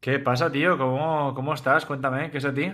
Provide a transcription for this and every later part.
¿Qué pasa, tío? ¿Cómo estás? Cuéntame, ¿qué es de ti?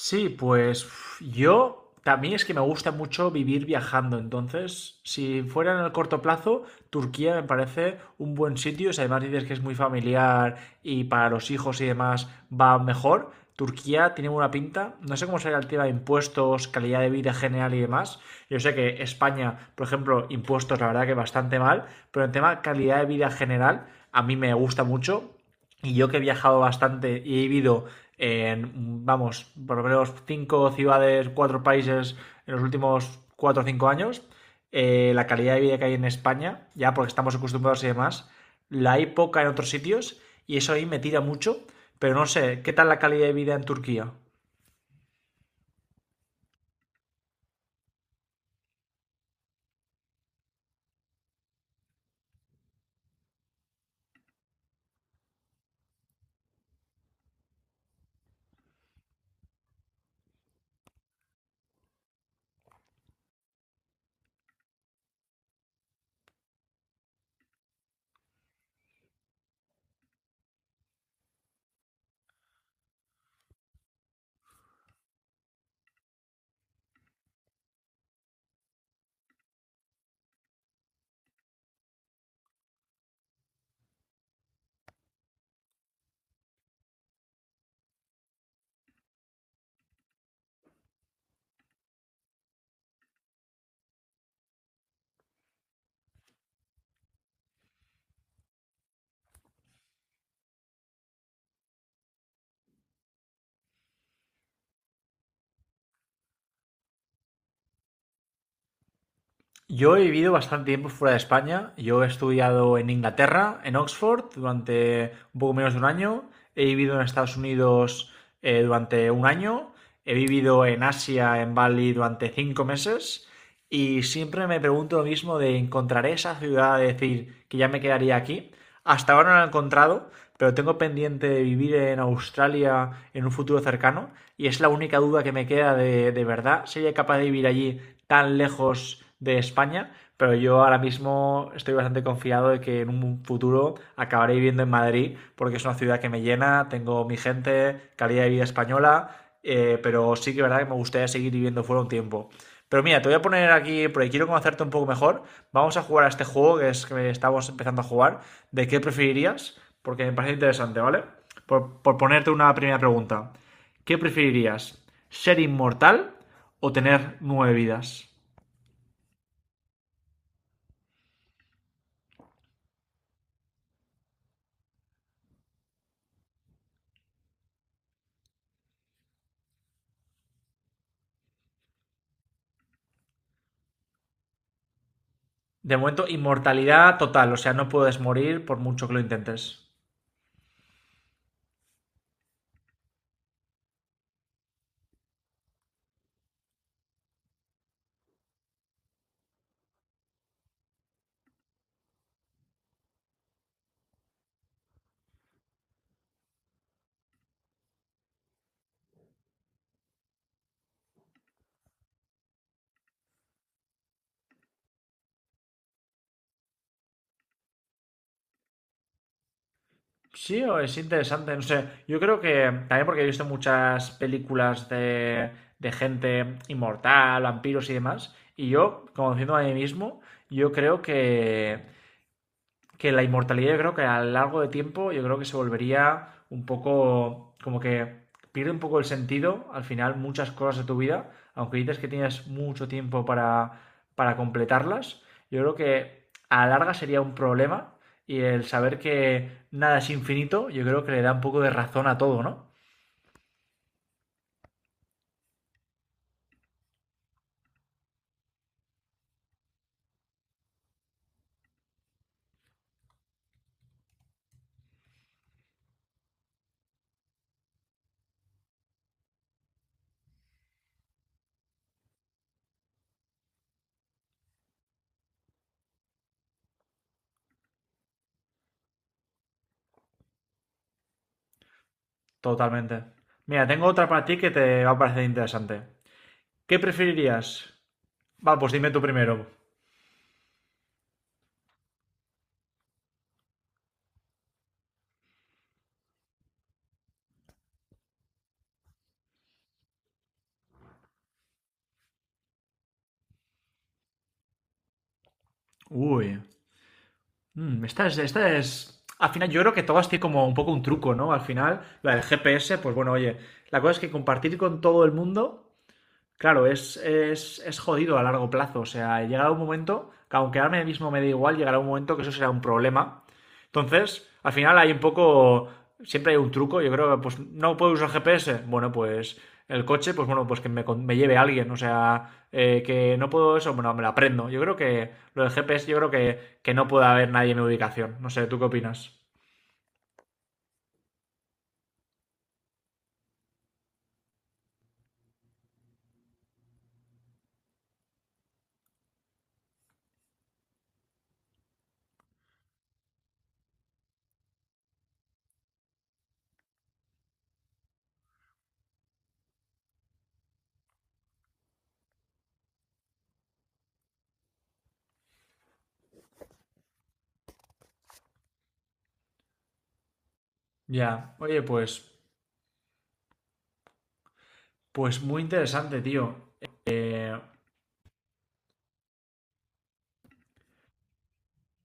Sí, pues uf, yo también es que me gusta mucho vivir viajando. Entonces, si fuera en el corto plazo, Turquía me parece un buen sitio. Si además dices que es muy familiar y para los hijos y demás va mejor, Turquía tiene buena pinta. No sé cómo será el tema de impuestos, calidad de vida general y demás. Yo sé que España, por ejemplo, impuestos, la verdad que bastante mal, pero el tema calidad de vida general a mí me gusta mucho. Y yo que he viajado bastante y he vivido en, vamos, por lo menos cinco ciudades, cuatro países en los últimos 4 o 5 años, la calidad de vida que hay en España, ya porque estamos acostumbrados y demás, la hay poca en otros sitios y eso ahí me tira mucho, pero no sé, ¿qué tal la calidad de vida en Turquía? Yo he vivido bastante tiempo fuera de España. Yo he estudiado en Inglaterra, en Oxford, durante un poco menos de un año. He vivido en Estados Unidos durante un año. He vivido en Asia, en Bali, durante 5 meses. Y siempre me pregunto lo mismo de encontraré esa ciudad, de decir que ya me quedaría aquí. Hasta ahora no la he encontrado, pero tengo pendiente de vivir en Australia en un futuro cercano y es la única duda que me queda de verdad. ¿Sería capaz de vivir allí tan lejos de España? Pero yo ahora mismo estoy bastante confiado de que en un futuro acabaré viviendo en Madrid porque es una ciudad que me llena, tengo mi gente, calidad de vida española, pero sí que es verdad que me gustaría seguir viviendo fuera un tiempo. Pero mira, te voy a poner aquí, porque quiero conocerte un poco mejor. Vamos a jugar a este juego que es que estamos empezando a jugar. ¿De qué preferirías? Porque me parece interesante, ¿vale? Por ponerte una primera pregunta. ¿Qué preferirías? ¿Ser inmortal o tener nueve vidas? De momento, inmortalidad total, o sea, no puedes morir por mucho que lo intentes. Sí, o es interesante, no sé. Yo creo que también porque he visto muchas películas de gente inmortal, vampiros y demás, y yo, conociendo a mí mismo, yo creo que la inmortalidad yo creo que a lo largo de tiempo yo creo que se volvería un poco como que pierde un poco el sentido al final muchas cosas de tu vida, aunque dices que tienes mucho tiempo para completarlas, yo creo que a la larga sería un problema y el saber que nada es infinito yo creo que le da un poco de razón a todo, ¿no? Totalmente. Mira, tengo otra para ti que te va a parecer interesante. ¿Qué preferirías? Va, pues dime tú primero. Uy. Esta es. Al final, yo creo que todas tienen como un poco un truco, ¿no? Al final, la del GPS, pues bueno, oye, la cosa es que compartir con todo el mundo. Claro, es jodido a largo plazo. O sea, llegará un momento, que aunque ahora mismo me da igual, llegará un momento que eso será un problema. Entonces, al final hay un poco, siempre hay un truco. Yo creo que, pues, no puedo usar GPS. Bueno, pues el coche, pues bueno, pues que me, me lleve alguien. O sea, que no puedo eso, bueno, me lo aprendo. Yo creo que lo del GPS, yo creo que no puede haber nadie en mi ubicación. No sé, ¿tú qué opinas? Ya, oye, pues muy interesante, tío. Eh,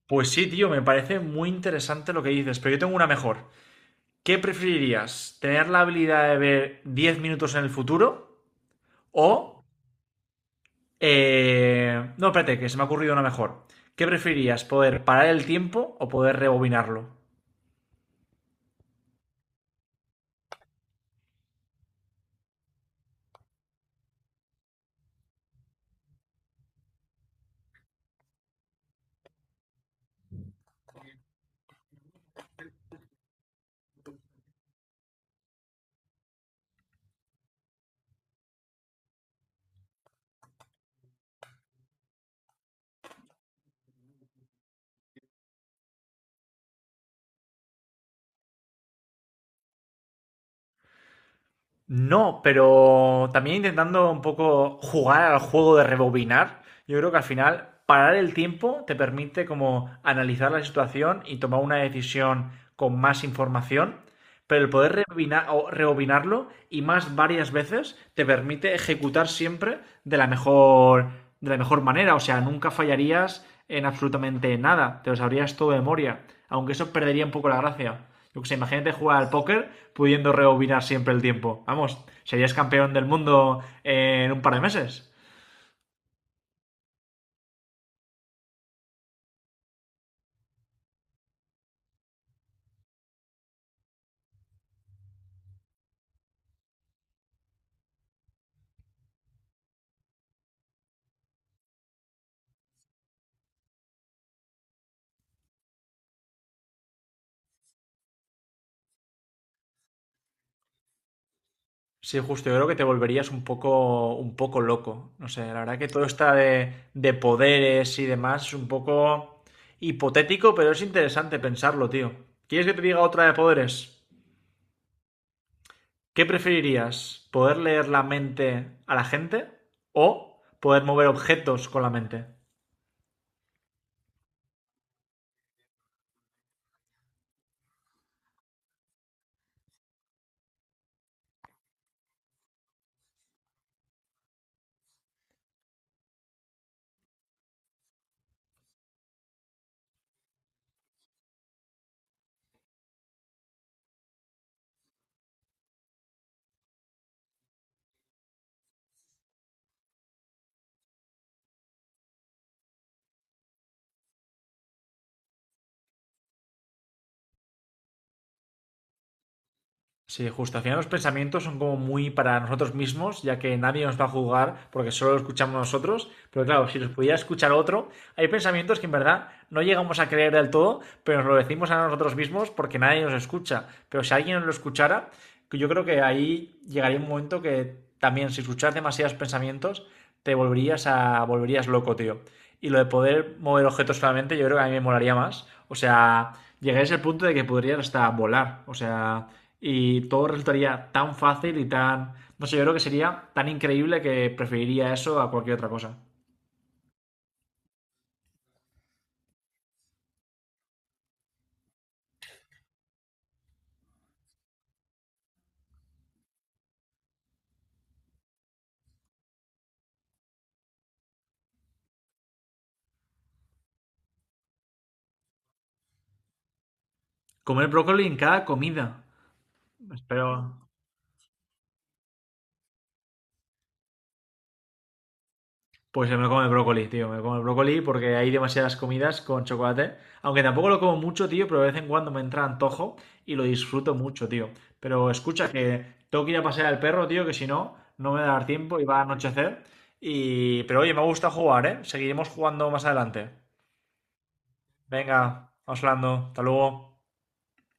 Pues sí, tío, me parece muy interesante lo que dices, pero yo tengo una mejor. ¿Qué preferirías? ¿Tener la habilidad de ver 10 minutos en el futuro? ¿O... No, espérate, que se me ha ocurrido una mejor. ¿Qué preferirías? ¿Poder parar el tiempo o poder rebobinarlo? No, pero también intentando un poco jugar al juego de rebobinar, yo creo que al final parar el tiempo te permite como analizar la situación y tomar una decisión con más información, pero el poder rebobina- o rebobinarlo y más varias veces te permite ejecutar siempre de la mejor, manera. O sea, nunca fallarías en absolutamente nada. Te lo sabrías todo de memoria. Aunque eso perdería un poco la gracia. Yo que sé, imagínate jugar al póker pudiendo rebobinar siempre el tiempo. Vamos, serías campeón del mundo en un par de meses. Sí, justo, yo creo que te volverías un poco loco. No sé, la verdad que todo está de poderes y demás es un poco hipotético, pero es interesante pensarlo, tío. ¿Quieres que te diga otra de poderes? ¿Qué preferirías? ¿Poder leer la mente a la gente o poder mover objetos con la mente? Sí, justo. Al final los pensamientos son como muy para nosotros mismos, ya que nadie nos va a juzgar porque solo lo escuchamos nosotros. Pero claro, si los pudiera escuchar otro, hay pensamientos que en verdad no llegamos a creer del todo, pero nos lo decimos a nosotros mismos porque nadie nos escucha. Pero si alguien nos lo escuchara, que yo creo que ahí llegaría un momento que también si escuchas demasiados pensamientos, te volverías loco, tío. Y lo de poder mover objetos solamente, yo creo que a mí me molaría más. O sea, llegarías al punto de que podrías hasta volar. O sea, y todo resultaría tan fácil y tan... No sé, yo creo que sería tan increíble que preferiría eso a cualquier otra cosa. Comer brócoli en cada comida. Espero... Pues me como el brócoli, tío. Me como el brócoli porque hay demasiadas comidas con chocolate. Aunque tampoco lo como mucho, tío, pero de vez en cuando me entra antojo y lo disfruto mucho, tío. Pero escucha que tengo que ir a pasear al perro, tío, que si no, no me va a dar tiempo y va a anochecer. Y... pero oye, me gusta jugar, ¿eh? Seguiremos jugando más adelante. Venga, vamos hablando. Hasta luego.